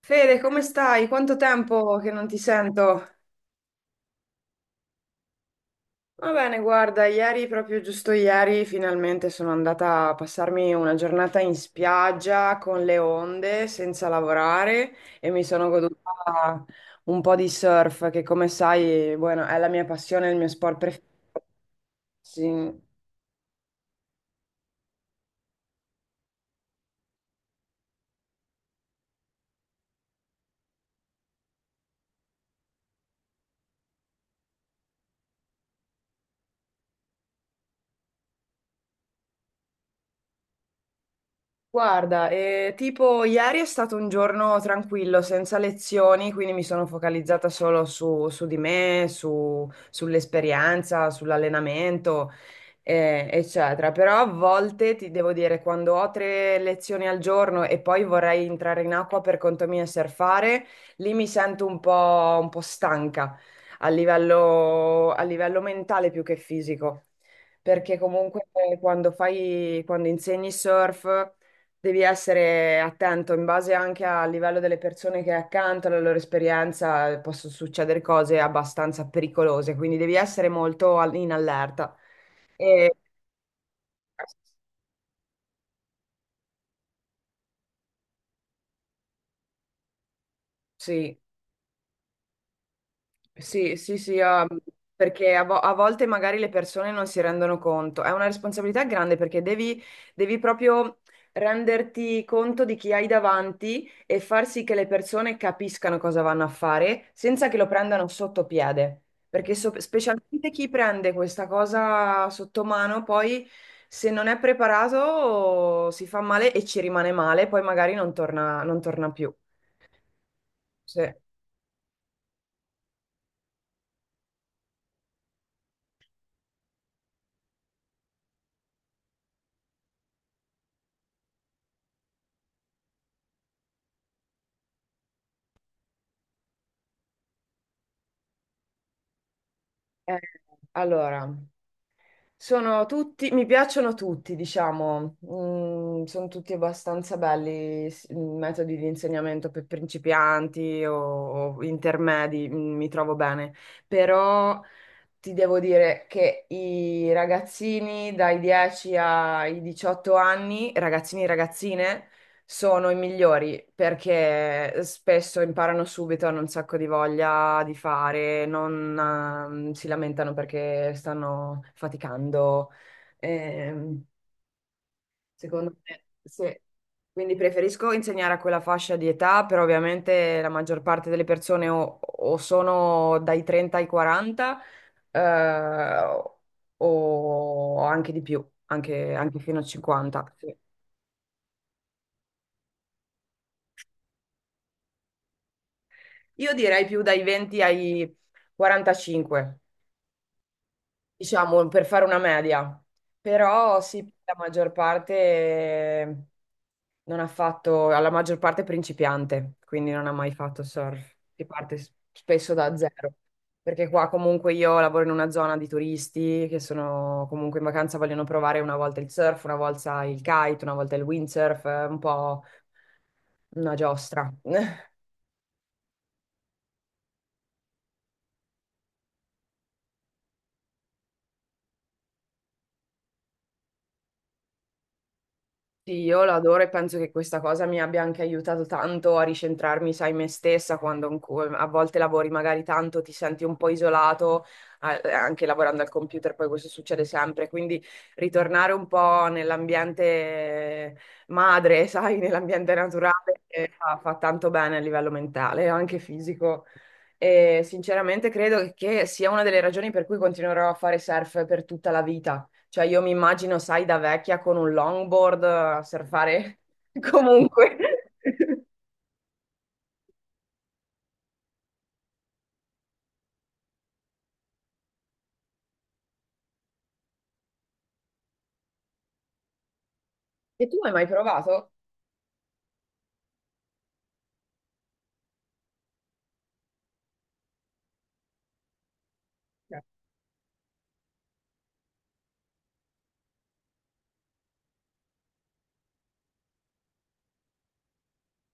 Fede, come stai? Quanto tempo che non ti sento? Va bene, guarda, ieri, proprio giusto ieri, finalmente sono andata a passarmi una giornata in spiaggia con le onde, senza lavorare e mi sono goduta un po' di surf, che come sai, bueno, è la mia passione, il mio sport preferito. Sì. Guarda, tipo ieri è stato un giorno tranquillo, senza lezioni, quindi mi sono focalizzata solo su di me, sull'esperienza, sull'allenamento, eccetera. Però a volte ti devo dire, quando ho tre lezioni al giorno e poi vorrei entrare in acqua per conto mio e surfare, lì mi sento un po' stanca a livello mentale più che fisico. Perché comunque quando quando insegni surf. Devi essere attento in base anche al livello delle persone che hai accanto, alla loro esperienza, possono succedere cose abbastanza pericolose, quindi devi essere molto in allerta. E sì, sì, sì, sì, perché a volte magari le persone non si rendono conto. È una responsabilità grande perché devi, devi proprio renderti conto di chi hai davanti e far sì che le persone capiscano cosa vanno a fare senza che lo prendano sotto piede. Perché specialmente chi prende questa cosa sotto mano, poi se non è preparato si fa male e ci rimane male, poi magari non non torna più. Sì. Eh, allora. Sono tutti, mi piacciono tutti, diciamo. Mm, sono tutti abbastanza belli, metodi di insegnamento per principianti o intermedi, mm, mi trovo bene, però ti devo dire che i ragazzini dai 10 ai 18 anni, ragazzini e ragazzine, sono i migliori perché spesso imparano subito, hanno un sacco di voglia di fare, non si lamentano perché stanno faticando. Ehm, secondo me, sì. Quindi preferisco insegnare a quella fascia di età, però ovviamente la maggior parte delle persone o sono dai 30 ai 40 eh, o anche di più, anche, anche fino a 50. Sì. Io direi più dai 20 ai 45, diciamo, per fare una media. Però sì, la maggior parte... Non ha fatto, alla maggior parte è principiante, quindi non ha mai fatto surf. Si parte spesso da zero, perché qua comunque io lavoro in una zona di turisti che sono comunque in vacanza, vogliono provare una volta il surf, una volta il kite, una volta il windsurf, è un po' una giostra. Sì, io l'adoro e penso che questa cosa mi abbia anche aiutato tanto a ricentrarmi, sai, me stessa, quando a volte lavori magari tanto, ti senti un po' isolato, anche lavorando al computer, poi questo succede sempre, quindi ritornare un po' nell'ambiente madre, sai, nell'ambiente naturale, fa tanto bene a livello mentale, anche fisico. E sinceramente credo che sia una delle ragioni per cui continuerò a fare surf per tutta la vita. Cioè io mi immagino, sai, da vecchia con un longboard a surfare comunque. E tu hai mai provato? No.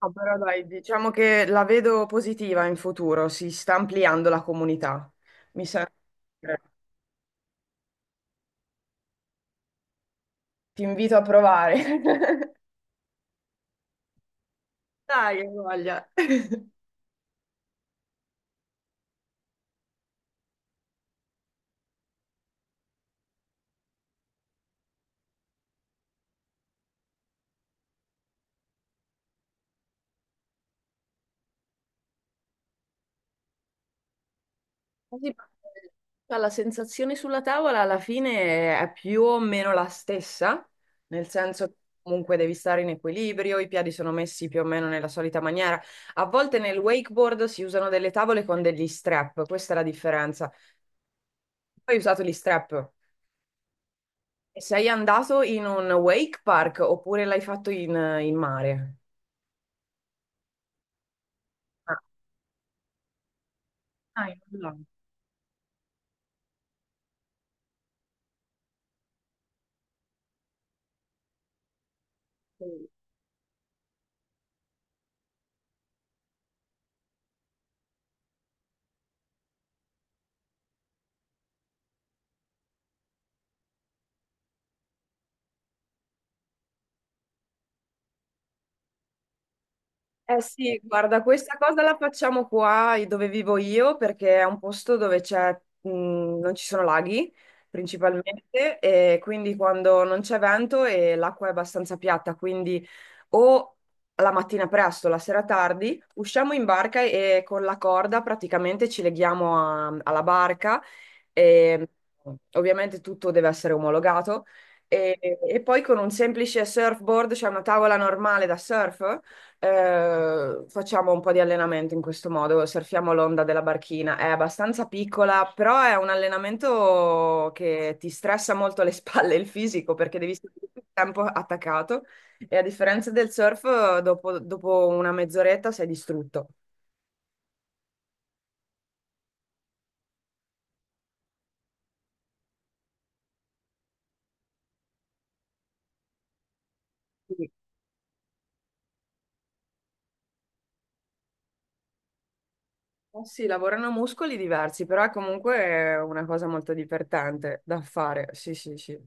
Ah, però dai, diciamo che la vedo positiva in futuro, si sta ampliando la comunità. Mi sa... Ti invito a provare. Dai, che voglia. Sì, ma la sensazione sulla tavola alla fine è più o meno la stessa, nel senso che comunque devi stare in equilibrio, i piedi sono messi più o meno nella solita maniera. A volte nel wakeboard si usano delle tavole con degli strap, questa è la differenza. Tu hai usato gli strap e sei andato in un wake park oppure l'hai fatto in, in mare? Ah, ah, in un lago. Eh sì, guarda, questa cosa la facciamo qua dove vivo io perché è un posto dove mh, non ci sono laghi principalmente e quindi quando non c'è vento e l'acqua è abbastanza piatta, quindi o la mattina presto, la sera tardi, usciamo in barca e con la corda praticamente ci leghiamo alla barca e ovviamente tutto deve essere omologato e, e poi con un semplice surfboard, cioè una tavola normale da surf. Facciamo un po' di allenamento in questo modo, surfiamo l'onda della barchina. È abbastanza piccola, però è un allenamento che ti stressa molto le spalle e il fisico perché devi stare tutto il tempo attaccato e a differenza del surf, dopo una mezz'oretta sei distrutto. Quindi, eh sì, lavorano muscoli diversi, però è comunque una cosa molto divertente da fare. Sì, sì, sì.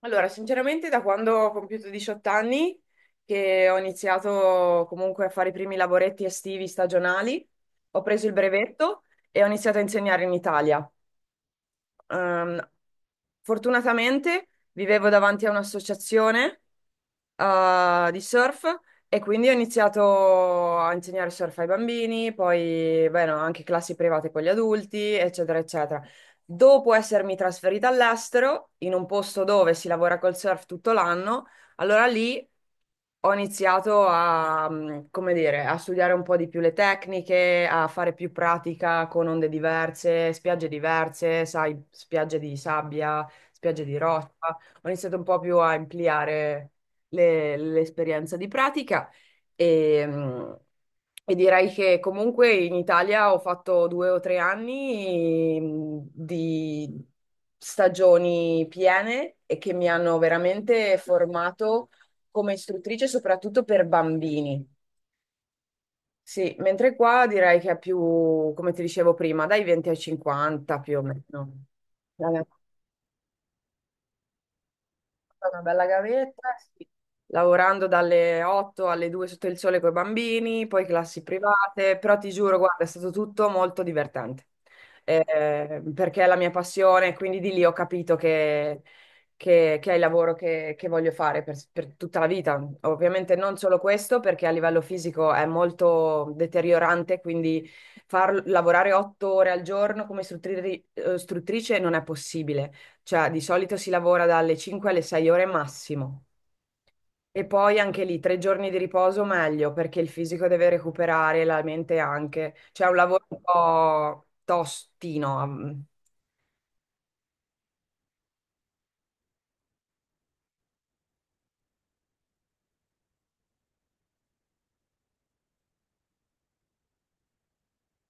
Allora, sinceramente da quando ho compiuto 18 anni che ho iniziato comunque a fare i primi lavoretti estivi stagionali, ho preso il brevetto e ho iniziato a insegnare in Italia. Ehm, fortunatamente vivevo davanti a un'associazione di surf e quindi ho iniziato a insegnare surf ai bambini, poi beh, no, anche classi private con gli adulti, eccetera, eccetera. Dopo essermi trasferita all'estero, in un posto dove si lavora col surf tutto l'anno, allora lì ho iniziato come dire, a studiare un po' di più le tecniche, a fare più pratica con onde diverse, spiagge diverse, sai, spiagge di sabbia, spiagge di mm, roccia. Ho iniziato un po' più a ampliare l'esperienza di pratica e, mm, e direi che comunque in Italia ho fatto 2 o 3 anni, mm, di stagioni piene e che mi hanno veramente formato come istruttrice, soprattutto per bambini. Sì, mentre qua direi che è più, come ti dicevo prima, dai 20 ai 50 più o meno. Una bella gavetta, sì. Lavorando dalle 8 alle 2 sotto il sole con i bambini, poi classi private, però ti giuro, guarda, è stato tutto molto divertente. Perché è la mia passione, quindi di lì ho capito che è il lavoro che voglio fare per tutta la vita. Ovviamente non solo questo, perché a livello fisico è molto deteriorante, quindi far lavorare 8 ore al giorno come istruttrice non è possibile, cioè, di solito si lavora dalle 5 alle 6 ore massimo. E poi anche lì tre giorni di riposo meglio, perché il fisico deve recuperare, la mente anche. Cioè, è un lavoro un po' tostino. Mm.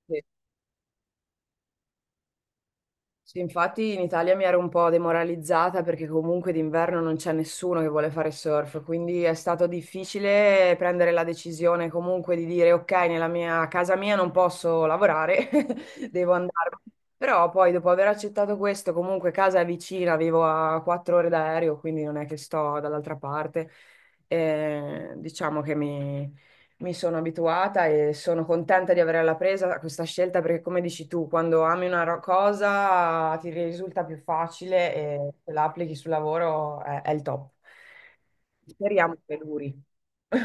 Sì. Sì, infatti in Italia mi ero un po' demoralizzata perché comunque d'inverno non c'è nessuno che vuole fare surf, quindi è stato difficile prendere la decisione comunque di dire ok, nella mia a casa mia non posso lavorare, devo andarmene. Però poi dopo aver accettato questo, comunque casa è vicina, vivo a 4 ore d'aereo, quindi non è che sto dall'altra parte, diciamo che mi sono abituata e sono contenta di averla presa a questa scelta perché, come dici tu, quando ami una cosa ti risulta più facile e se la applichi sul lavoro è il top. Speriamo che duri.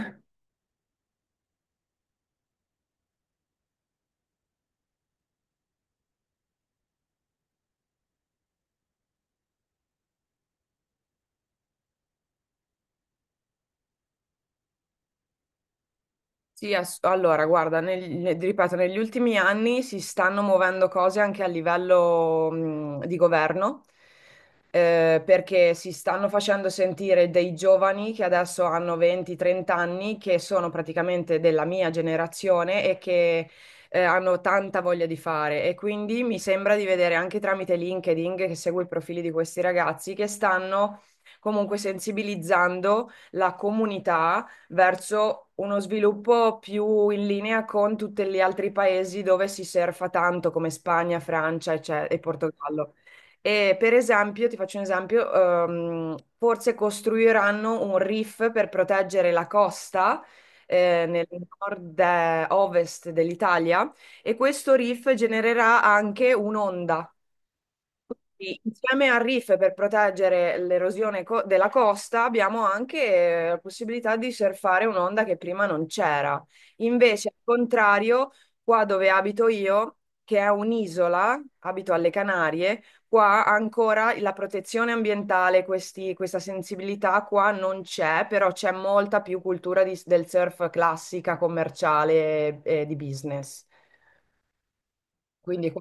Sì, allora, guarda, ripeto, negli ultimi anni si stanno muovendo cose anche a livello, di governo, perché si stanno facendo sentire dei giovani che adesso hanno 20-30 anni, che sono praticamente della mia generazione e che, hanno tanta voglia di fare. E quindi mi sembra di vedere anche tramite LinkedIn, che seguo i profili di questi ragazzi, che stanno comunque sensibilizzando la comunità verso uno sviluppo più in linea con tutti gli altri paesi dove si surfa tanto, come Spagna, Francia, e Portogallo. E per esempio, ti faccio un esempio, forse costruiranno un reef per proteggere la costa nel nord-ovest dell'Italia e questo reef genererà anche un'onda. Sì, insieme a reef per proteggere l'erosione della costa abbiamo anche la possibilità di surfare un'onda che prima non c'era. Invece, al contrario, qua dove abito io, che è un'isola, abito alle Canarie, qua ancora la protezione ambientale, questa sensibilità qua non c'è, però c'è molta più cultura del surf classica, commerciale e di business. Quindi